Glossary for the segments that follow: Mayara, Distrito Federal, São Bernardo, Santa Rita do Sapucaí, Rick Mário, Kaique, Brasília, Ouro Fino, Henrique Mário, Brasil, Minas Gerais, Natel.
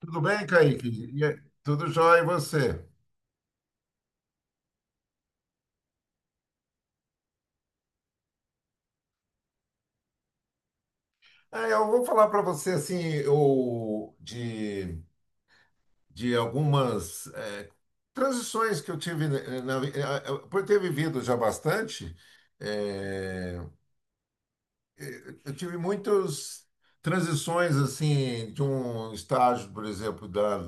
Tudo bem, Kaique? E aí, tudo jóia e você? Eu vou falar para você assim, de algumas transições que eu tive, né, na, vi- eh, eh, por ter vivido já bastante. é, eu tive muitas transições assim de um estágio, por exemplo, da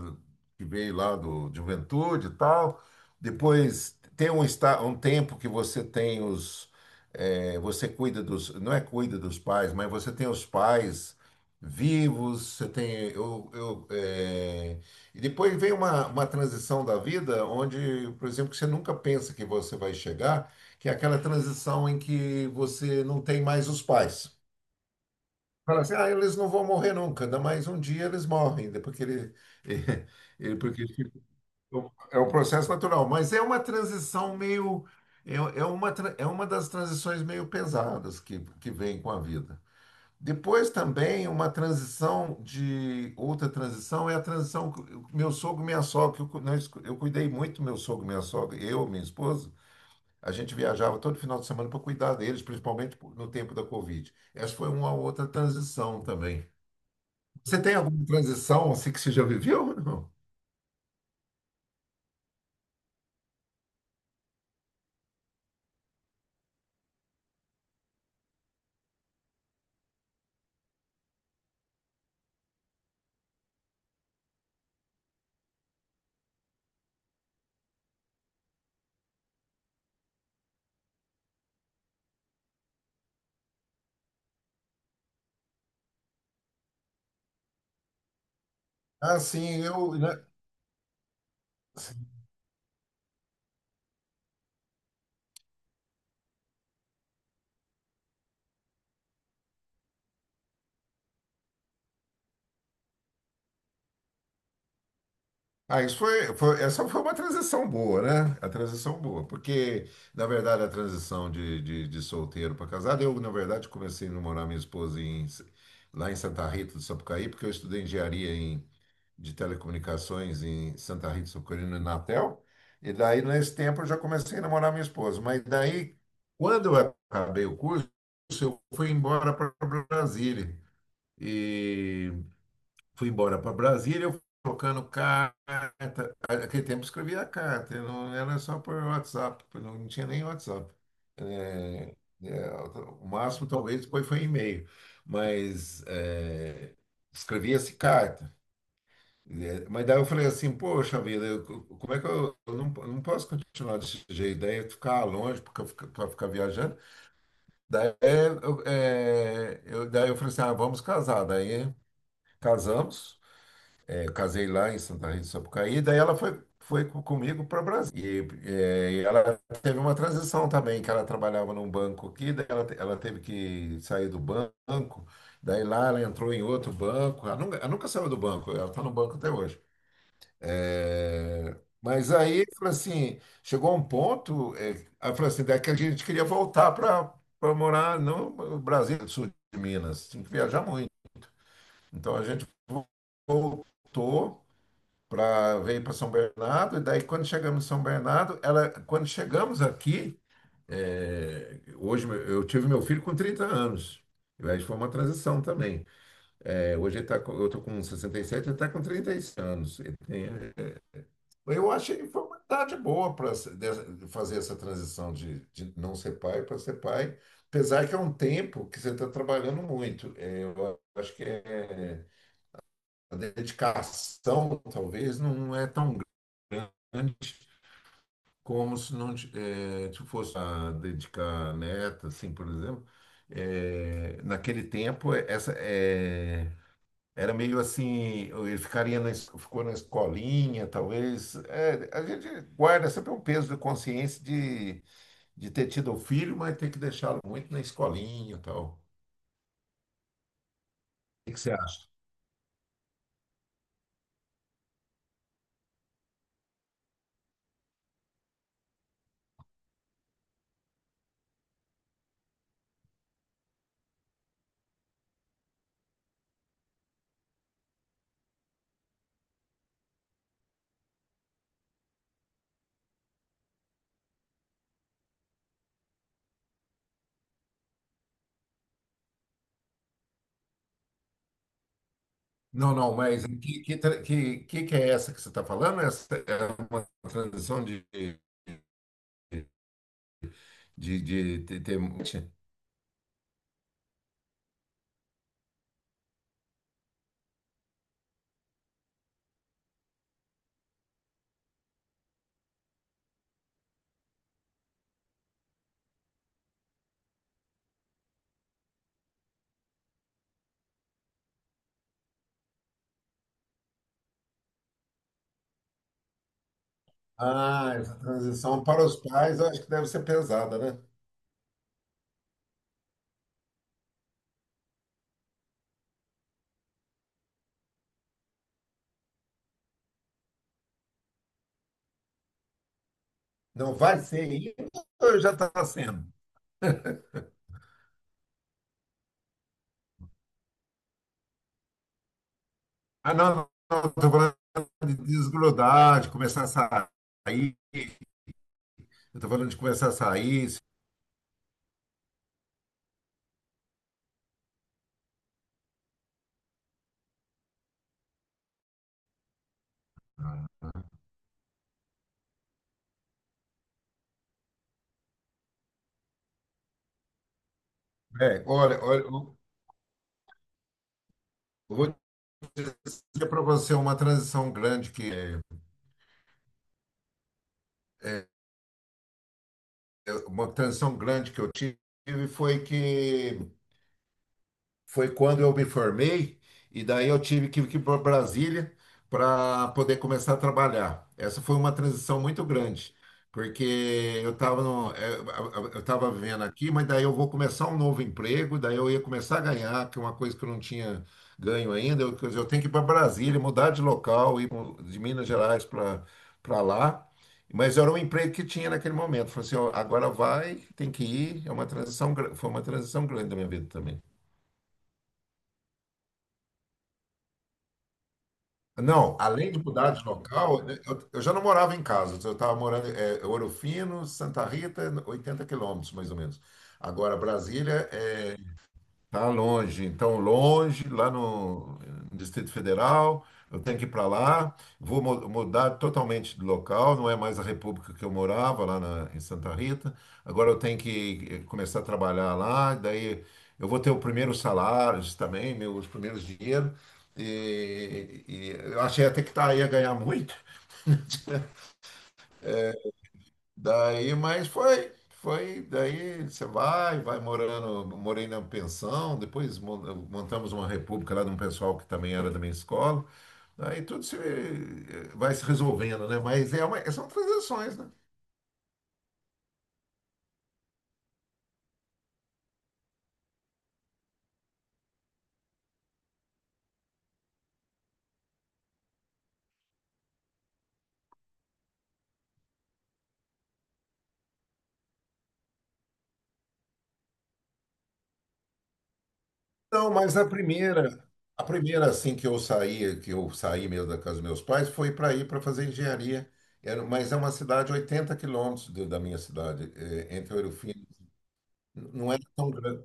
que veio lá do de juventude e tal. Depois tem um está um tempo que você tem os você cuida dos, não é, cuida dos pais, mas você tem os pais vivos, você tem e depois vem uma transição da vida onde, por exemplo, que você nunca pensa que você vai chegar, que é aquela transição em que você não tem mais os pais. Fala assim, ah, eles não vão morrer nunca, ainda mais um dia eles morrem, né, porque ele, porque ele é o processo natural. Mas é uma transição meio, é, é é uma das transições meio pesadas que vem com a vida. Depois também uma transição de, outra transição é a transição, que o- meu sogro e minha sogra, que eu, cu- nós, cu- eu cuidei muito do meu sogro e minha sogra, eu, minha esposa, a gente viajava todo final de semana para cuidar deles, principalmente no tempo da Covid. Essa foi uma outra transição também. Você tem alguma transição assim que você já viveu? Não. Ah, sim, eu, né? Ah, essa foi uma transição boa, né? A transição boa, porque, na verdade, a transição de, de solteiro para casado, eu, na verdade, comecei a namorar minha esposa em, lá em Santa Rita do Sapucaí, porque eu estudei engenharia em, de telecomunicações em Santa Rita do Sapucaí, no Natel, e daí, nesse tempo, eu já comecei a namorar minha esposa. Mas daí, quando eu acabei o curso, eu fui embora para Brasília. E fui embora para Brasília, eu fui trocando carta. Naquele tempo eu escrevia carta, eu não era só por WhatsApp, não tinha nem WhatsApp. É, é, o máximo talvez depois foi e-mail, mas escrevia-se carta. É, mas daí eu falei assim, poxa vida, eu- como é que eu não posso continuar desse jeito? Daí eu ficar longe porque eu fica- pra ficar viajando. Daí daí eu falei assim, ah, vamos casar. Daí casamos. Eu casei lá em Santa Rita do Sapucaí, daí ela comigo para o Brasil. E, e ela teve uma transição também, que ela trabalhava num banco aqui, daí ela teve que sair do banco, daí lá ela entrou em outro banco. Ela nunca saiu do banco, ela está no banco até hoje. Eh, mas aí, falou assim, chegou um ponto, ela falou assim, daqui a gente queria voltar para para morar no Brasil, sul de Minas, tinha que viajar muito. Então a gente voltou para veio para São Bernardo e daí quando chegamos em São Bernardo, ela quando chegamos aqui, é, hoje meu- eu tive meu filho com 30 anos. E aí foi uma transição também. É, hoje ele tá, com- eu estou com 67, ele está com 36 anos. Ele tem- eu achei que foi uma idade boa para fazer essa transição de, não ser pai para ser pai, apesar que é um tempo que você está trabalhando muito. É, eu acho que é a dedicação talvez não é tão grande como se não ti- se fosse a dedicar a neta, assim, por exemplo. Naquele tempo, essa era meio assim, ele ficaria na, es- ficou na escolinha, talvez. É, a gente guarda sempre um peso da consciência de ter tido o filho, mas ter que deixá-lo muito na escolinha e tal. O que que você acha? Não, não, mas que é essa que você está falando? Essa é uma transição de ter... Ah, essa transição para os pais, eu acho que deve ser pesada, né? Não vai ser ainda ou já está sendo? Ah, não, não, estou falando de desgrudar, de começar a sair. Eu estou falando de começar a sair. É, olha, olha, eu vou dizer para você uma transição grande que é, uma transição grande que eu tive foi que foi quando eu me formei, e daí eu tive que ir para Brasília para poder começar a trabalhar. Essa foi uma transição muito grande, porque eu estava eu estava vivendo aqui, mas daí eu vou começar um novo emprego, daí eu ia começar a ganhar, que é uma coisa que eu não tinha ganho ainda. Eu, quer dizer, eu tenho que ir para Brasília, mudar de local, ir pro- de Minas Gerais para para lá. Mas era um emprego que tinha naquele momento. Falei assim, ó, agora vai, tem que ir. É uma transição, gra- foi uma transição grande da minha vida também. Não, além de mudar de local, né, eu já não morava em casa, eu estava morando em Ouro Fino, Santa Rita, 80 quilômetros mais ou menos. Agora, Brasília é tá longe, então longe, lá no Distrito Federal, eu tenho que ir para lá, vou mu- mudar totalmente de local, não é mais a república que eu morava lá na- em Santa Rita. Agora eu tenho que começar a trabalhar lá, daí eu vou ter o primeiro salário também, meus primeiros dinheiros, e eu achei até que tá, ia ganhar muito. Daí, mas daí você vai, vai morando, morei na pensão, depois mon- montamos uma república lá de um pessoal que também era da minha escola. Daí tudo se vai se resolvendo, né? Mas é uma, são transações, né? Não, mas a primeira assim que eu saí mesmo da casa dos meus pais, foi para ir para fazer engenharia. Era, mas é uma cidade 80 quilômetros do- da minha cidade, é, entre Ouro Fino. Não era tão grande.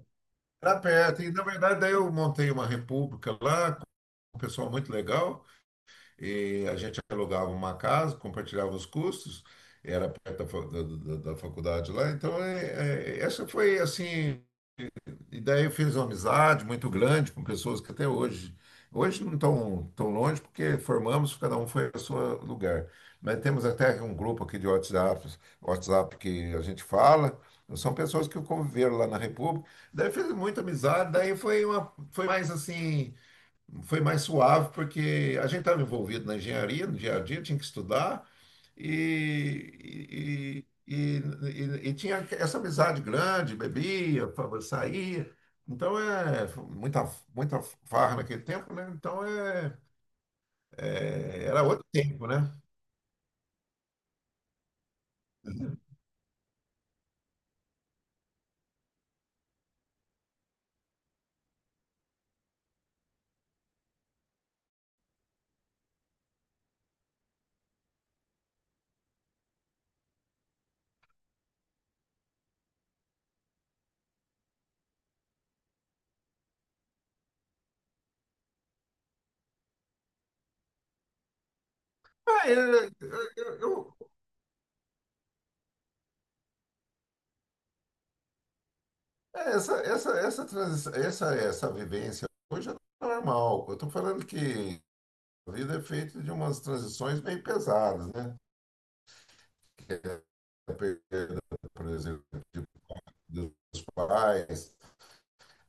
Era perto. E, na verdade, daí eu montei uma república lá com um pessoal muito legal. E a gente alugava uma casa, compartilhava os custos. Era perto da, fa- da faculdade lá. Então, é- é- essa foi, assim, e daí eu fiz uma amizade muito grande com pessoas que até hoje, hoje não estão tão longe, porque formamos, cada um foi ao seu lugar. Mas temos até um grupo aqui de WhatsApp, WhatsApp que a gente fala, são pessoas que conviveram lá na República. Daí fiz muita amizade, daí foi uma, foi mais assim, foi mais suave, porque a gente estava envolvido na engenharia, no dia a dia, tinha que estudar, e tinha essa amizade grande, bebia, fa- saía. Então é muita farra naquele tempo, né? Então é- era outro tempo, né? Ah, eu- eu- eu- É, essa vivência hoje é normal. Eu estou falando que a vida é feita de umas transições meio pesadas, né? Que é a perda, por exemplo, de- dos pais,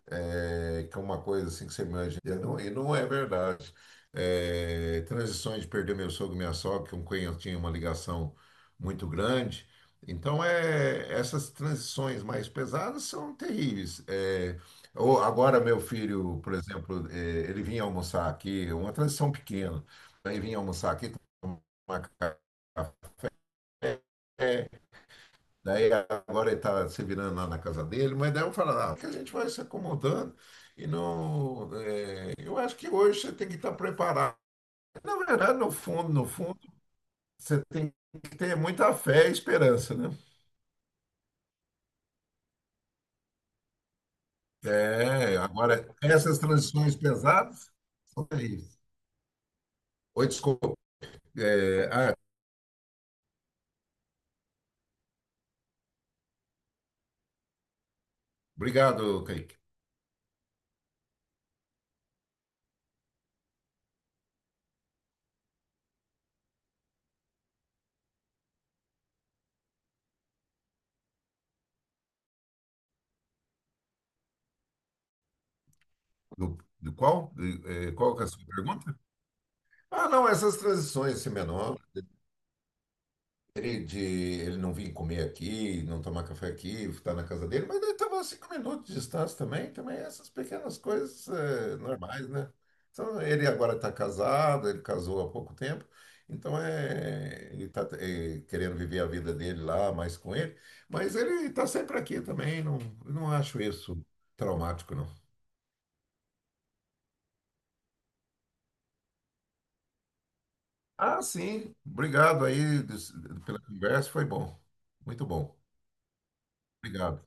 é, que é uma coisa assim que você imagina, e não é verdade. É, transições de perder meu sogro e minha sogra, que um eu tinha uma ligação muito grande. Então, é, essas transições mais pesadas são terríveis. É, ou agora, meu filho, por exemplo, é, ele vinha almoçar aqui, uma transição pequena, ele vinha almoçar aqui, tomar café. Daí agora ele está se virando lá na casa dele, mas daí eu falo, ah, que a gente vai se acomodando e não. Eu acho que hoje você tem que estar preparado. Na verdade, no fundo, você tem que ter muita fé e esperança, né? É, agora, essas transições pesadas são terríveis. Oi, desculpa. Eh, ah, Obrigado, Kaique. Do, do qual? Qual que é a sua pergunta? Ah, não, essas transições, assim, menor ele de ele não vir comer aqui, não tomar café aqui, estar na casa dele, mas ele estava a 5 minutos de distância também, também essas pequenas coisas normais, né? Então, ele agora está casado, ele casou há pouco tempo, então é, ele está querendo viver a vida dele lá, mais com ele, mas ele está sempre aqui também, não, não acho isso traumático, não. Ah, sim, obrigado aí des- pela conversa, foi bom, muito bom, obrigado.